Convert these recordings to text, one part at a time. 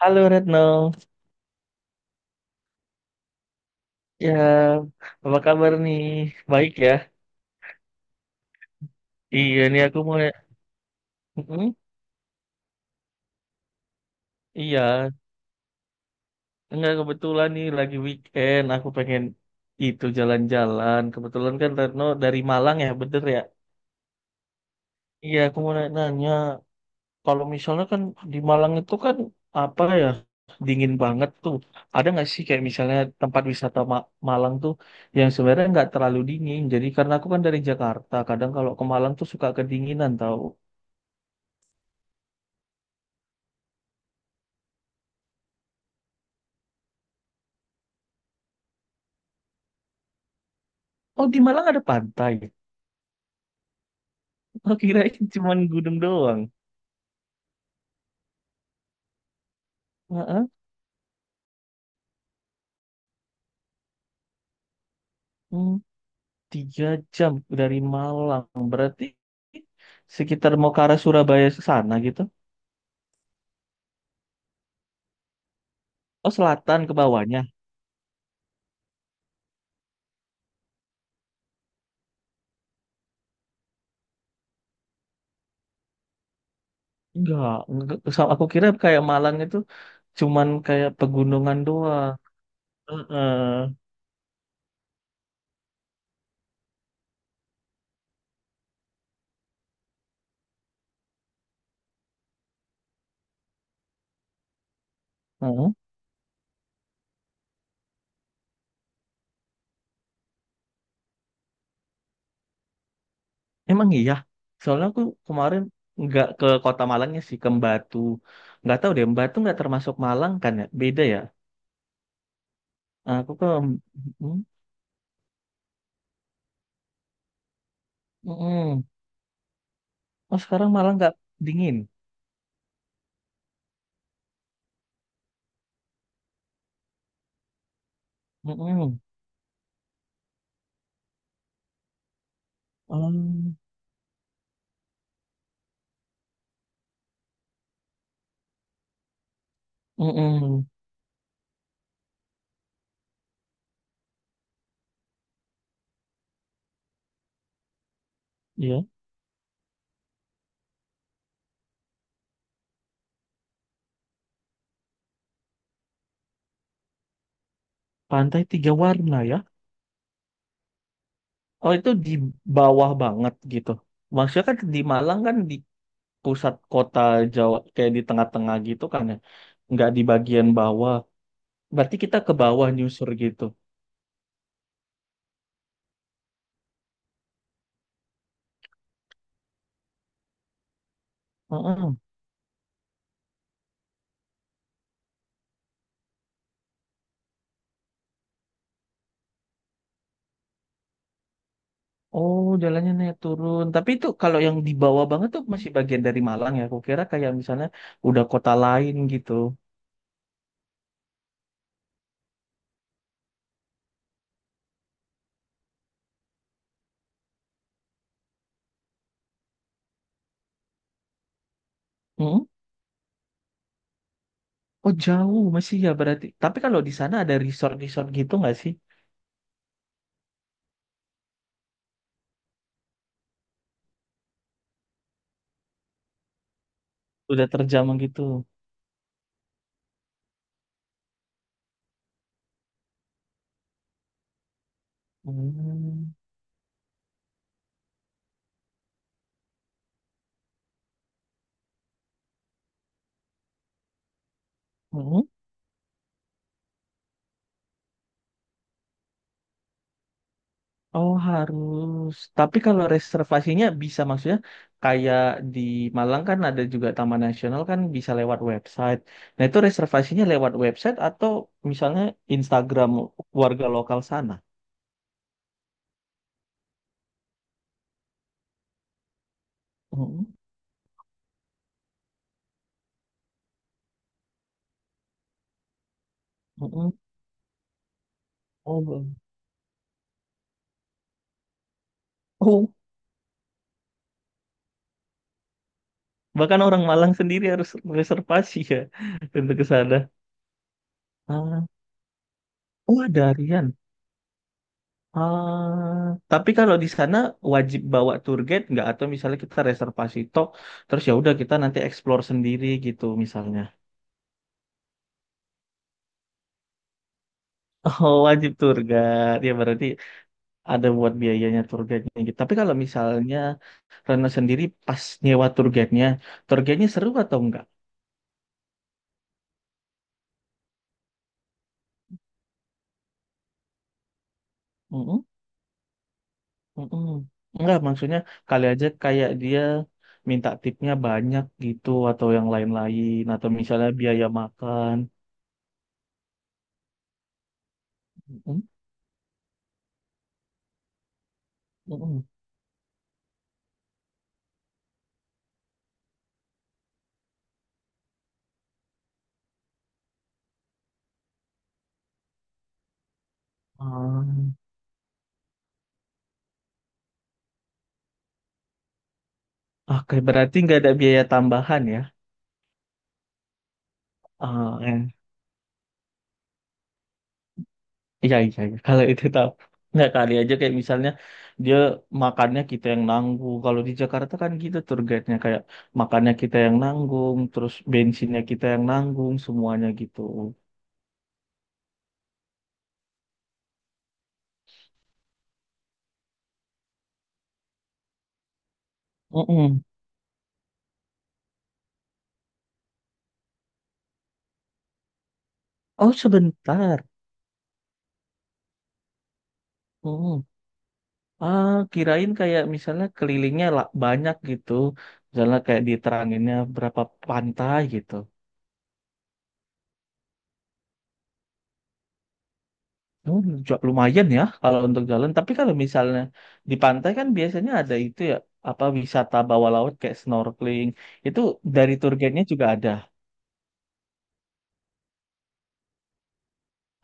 Halo Retno, ya apa kabar nih? Baik ya? Iya nih aku mau. Mm-mm. Iya, enggak kebetulan nih lagi weekend, aku pengen itu jalan-jalan. Kebetulan kan Retno dari Malang ya, bener ya? Iya aku mau nanya, kalau misalnya kan di Malang itu kan apa ya, dingin banget tuh. Ada nggak sih kayak misalnya tempat wisata Malang tuh yang sebenarnya nggak terlalu dingin. Jadi karena aku kan dari Jakarta, kadang kalau ke Malang tuh suka kedinginan tau. Oh, di Malang ada pantai. Oh, kirain cuman gunung doang. Heeh. Hmm, 3 jam dari Malang. Berarti sekitar mau ke arah Surabaya ke sana gitu. Oh, selatan ke bawahnya. Enggak, enggak. Aku kira kayak Malang itu cuman kayak pegunungan doang. Heeh. Heeh. Emang iya. Soalnya aku kemarin nggak ke kota Malangnya sih, ke Batu. Nggak tahu deh, Batu nggak termasuk Malang kan ya? Beda ya. Aku ke. Mm, mm. Oh, sekarang malah nggak dingin. Mm-mm. Oh, mm-mm. Iya. Pantai tiga warna ya. Oh, itu di bawah banget gitu. Maksudnya kan di Malang kan di pusat kota Jawa, kayak di tengah-tengah gitu kan ya. Nggak di bagian bawah. Berarti kita ke bawah nyusur gitu. Mm. Oh, jalannya naik turun. Tapi itu kalau yang di bawah banget tuh masih bagian dari Malang ya. Aku kira kayak misalnya udah kota lain gitu. Oh, jauh masih ya berarti. Tapi kalau di sana ada resort-resort gitu nggak sih? Udah terjamah gitu. Hmm. Hmm. Oh, harus. Tapi kalau reservasinya bisa maksudnya kayak di Malang kan ada juga Taman Nasional kan bisa lewat website. Nah itu reservasinya lewat website atau misalnya Instagram warga lokal sana. Hmm. Hmm. Oh. Oh. Bahkan orang Malang sendiri harus reservasi ya untuk ke sana. Ah. Oh, ada harian. Ah, tapi kalau di sana wajib bawa tour guide nggak atau misalnya kita reservasi tok terus ya udah kita nanti explore sendiri gitu misalnya. Oh, wajib tour guide. Ya berarti ada buat biayanya tour guide-nya gitu. Tapi kalau misalnya Rena sendiri pas nyewa tour guide-nya seru atau enggak? Mm-mm, mm-mm. Enggak, maksudnya kali aja kayak dia minta tipnya banyak gitu atau yang lain-lain atau misalnya biaya makan. Mm-mm, mm-mm. Ah. Oke, berarti nggak ada biaya tambahan ya? Ah, eh, iya, iya, iya. Kalau itu tahu. Nggak kali aja kayak misalnya dia makannya kita yang nanggung. Kalau di Jakarta kan gitu tour guide-nya kayak makannya kita yang nanggung, terus bensinnya kita yang nanggung, semuanya gitu. Mm-mm. Oh, sebentar. Mm. Ah, kirain kayak misalnya kelilingnya lah banyak gitu. Misalnya kayak diteranginnya berapa pantai gitu. Oh, lumayan ya kalau untuk jalan. Tapi kalau misalnya di pantai kan biasanya ada itu ya, apa wisata bawah laut kayak snorkeling. Itu dari tour guide-nya juga ada.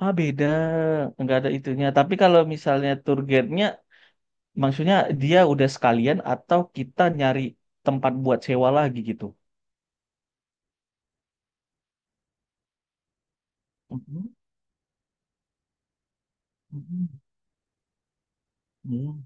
Ah, beda. Nggak ada itunya. Tapi kalau misalnya tour guide-nya, maksudnya dia udah sekalian atau kita nyari tempat buat sewa lagi gitu. Mhm, mhm, mhm.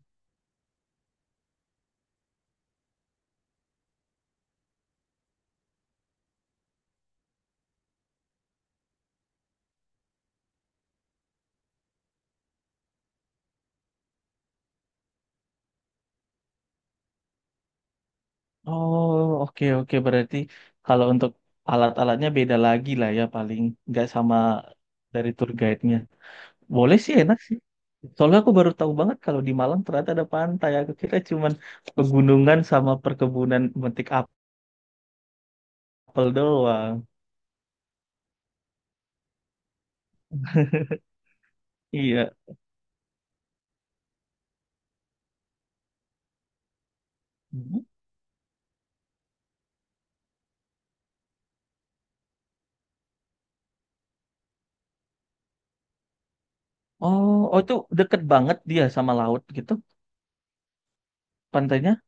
Oh, oke oke berarti kalau untuk alat-alatnya beda lagi lah ya paling nggak sama dari tour guide-nya. Boleh sih, enak sih. Soalnya aku baru tahu banget kalau di Malang ternyata ada pantai. Aku kira cuman pegunungan sama perkebunan metik apel doang. Iya. Oh, oh, itu deket banget dia sama laut gitu pantainya.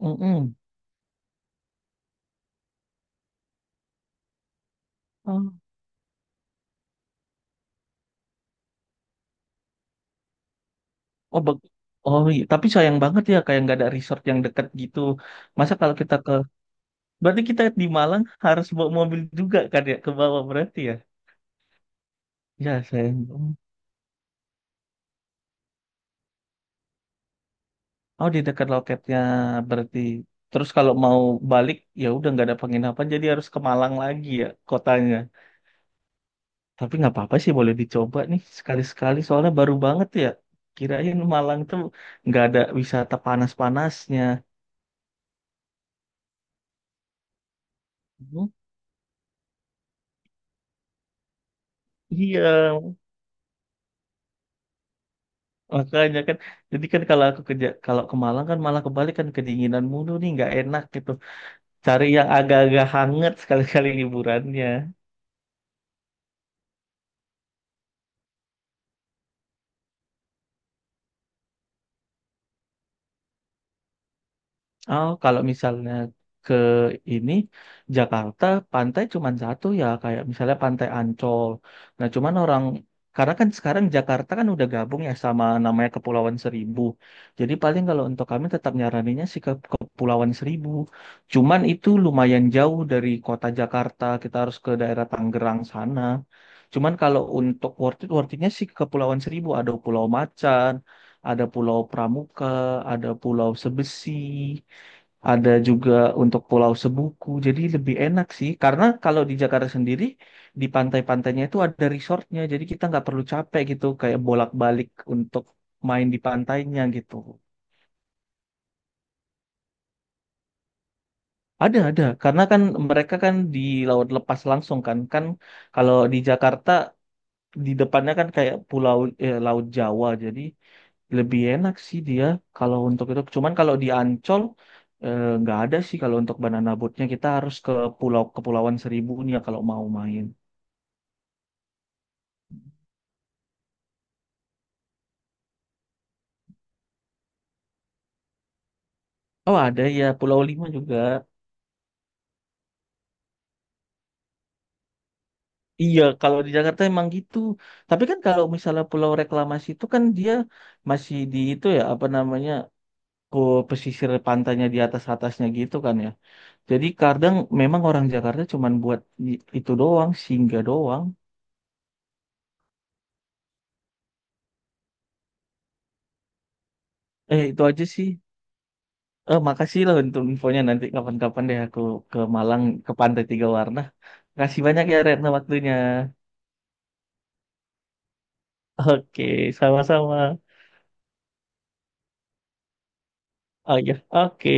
Mm-mm. Oh, oh, oh iya. Tapi sayang banget ya kayak nggak ada resort yang deket gitu. Masa kalau kita ke, berarti kita di Malang harus bawa mobil juga kan ya ke bawah berarti ya? Ya sayang. Oh, di dekat loketnya berarti. Terus kalau mau balik ya udah nggak ada penginapan jadi harus ke Malang lagi ya kotanya. Tapi nggak apa-apa sih boleh dicoba nih sekali-sekali soalnya baru banget ya. Kirain Malang tuh nggak ada wisata panas-panasnya. Hmm. Iya, makanya kan. Jadi kan kalau aku kerja kalau ke Malang kan malah kebalik kan kedinginan mulu nih nggak enak gitu. Cari yang agak-agak hangat sekali-kali liburannya. Oh, kalau misalnya ke ini Jakarta pantai cuman satu ya kayak misalnya Pantai Ancol. Nah, cuman orang karena kan sekarang Jakarta kan udah gabung ya sama namanya Kepulauan Seribu. Jadi paling kalau untuk kami tetap nyaraninnya sih ke Kepulauan Seribu. Cuman itu lumayan jauh dari kota Jakarta. Kita harus ke daerah Tangerang sana. Cuman kalau untuk worth it, worth it-nya sih ke Kepulauan Seribu. Ada Pulau Macan, ada Pulau Pramuka, ada Pulau Sebesi, ada juga untuk Pulau Sebuku. Jadi lebih enak sih, karena kalau di Jakarta sendiri di pantai-pantainya itu ada resortnya, jadi kita nggak perlu capek gitu, kayak bolak-balik untuk main di pantainya gitu. Ada, karena kan mereka kan di laut lepas langsung kan, kan kalau di Jakarta di depannya kan kayak pulau, eh, laut Jawa, jadi lebih enak sih dia kalau untuk itu. Cuman kalau di Ancol, eh, nggak ada sih kalau untuk banana boatnya kita harus ke pulau Kepulauan Seribu nih ya kalau mau main. Oh, ada ya Pulau Lima juga. Iya kalau di Jakarta emang gitu. Tapi kan kalau misalnya Pulau Reklamasi itu kan dia masih di itu ya apa namanya ke pesisir pantainya di atas atasnya gitu kan ya. Jadi kadang memang orang Jakarta cuman buat itu doang, singgah doang. Eh, itu aja sih. Eh, makasih loh untuk infonya, nanti kapan-kapan deh aku ke Malang ke Pantai Tiga Warna. Makasih banyak ya Retno waktunya. Oke, sama-sama. Oh ya, oke.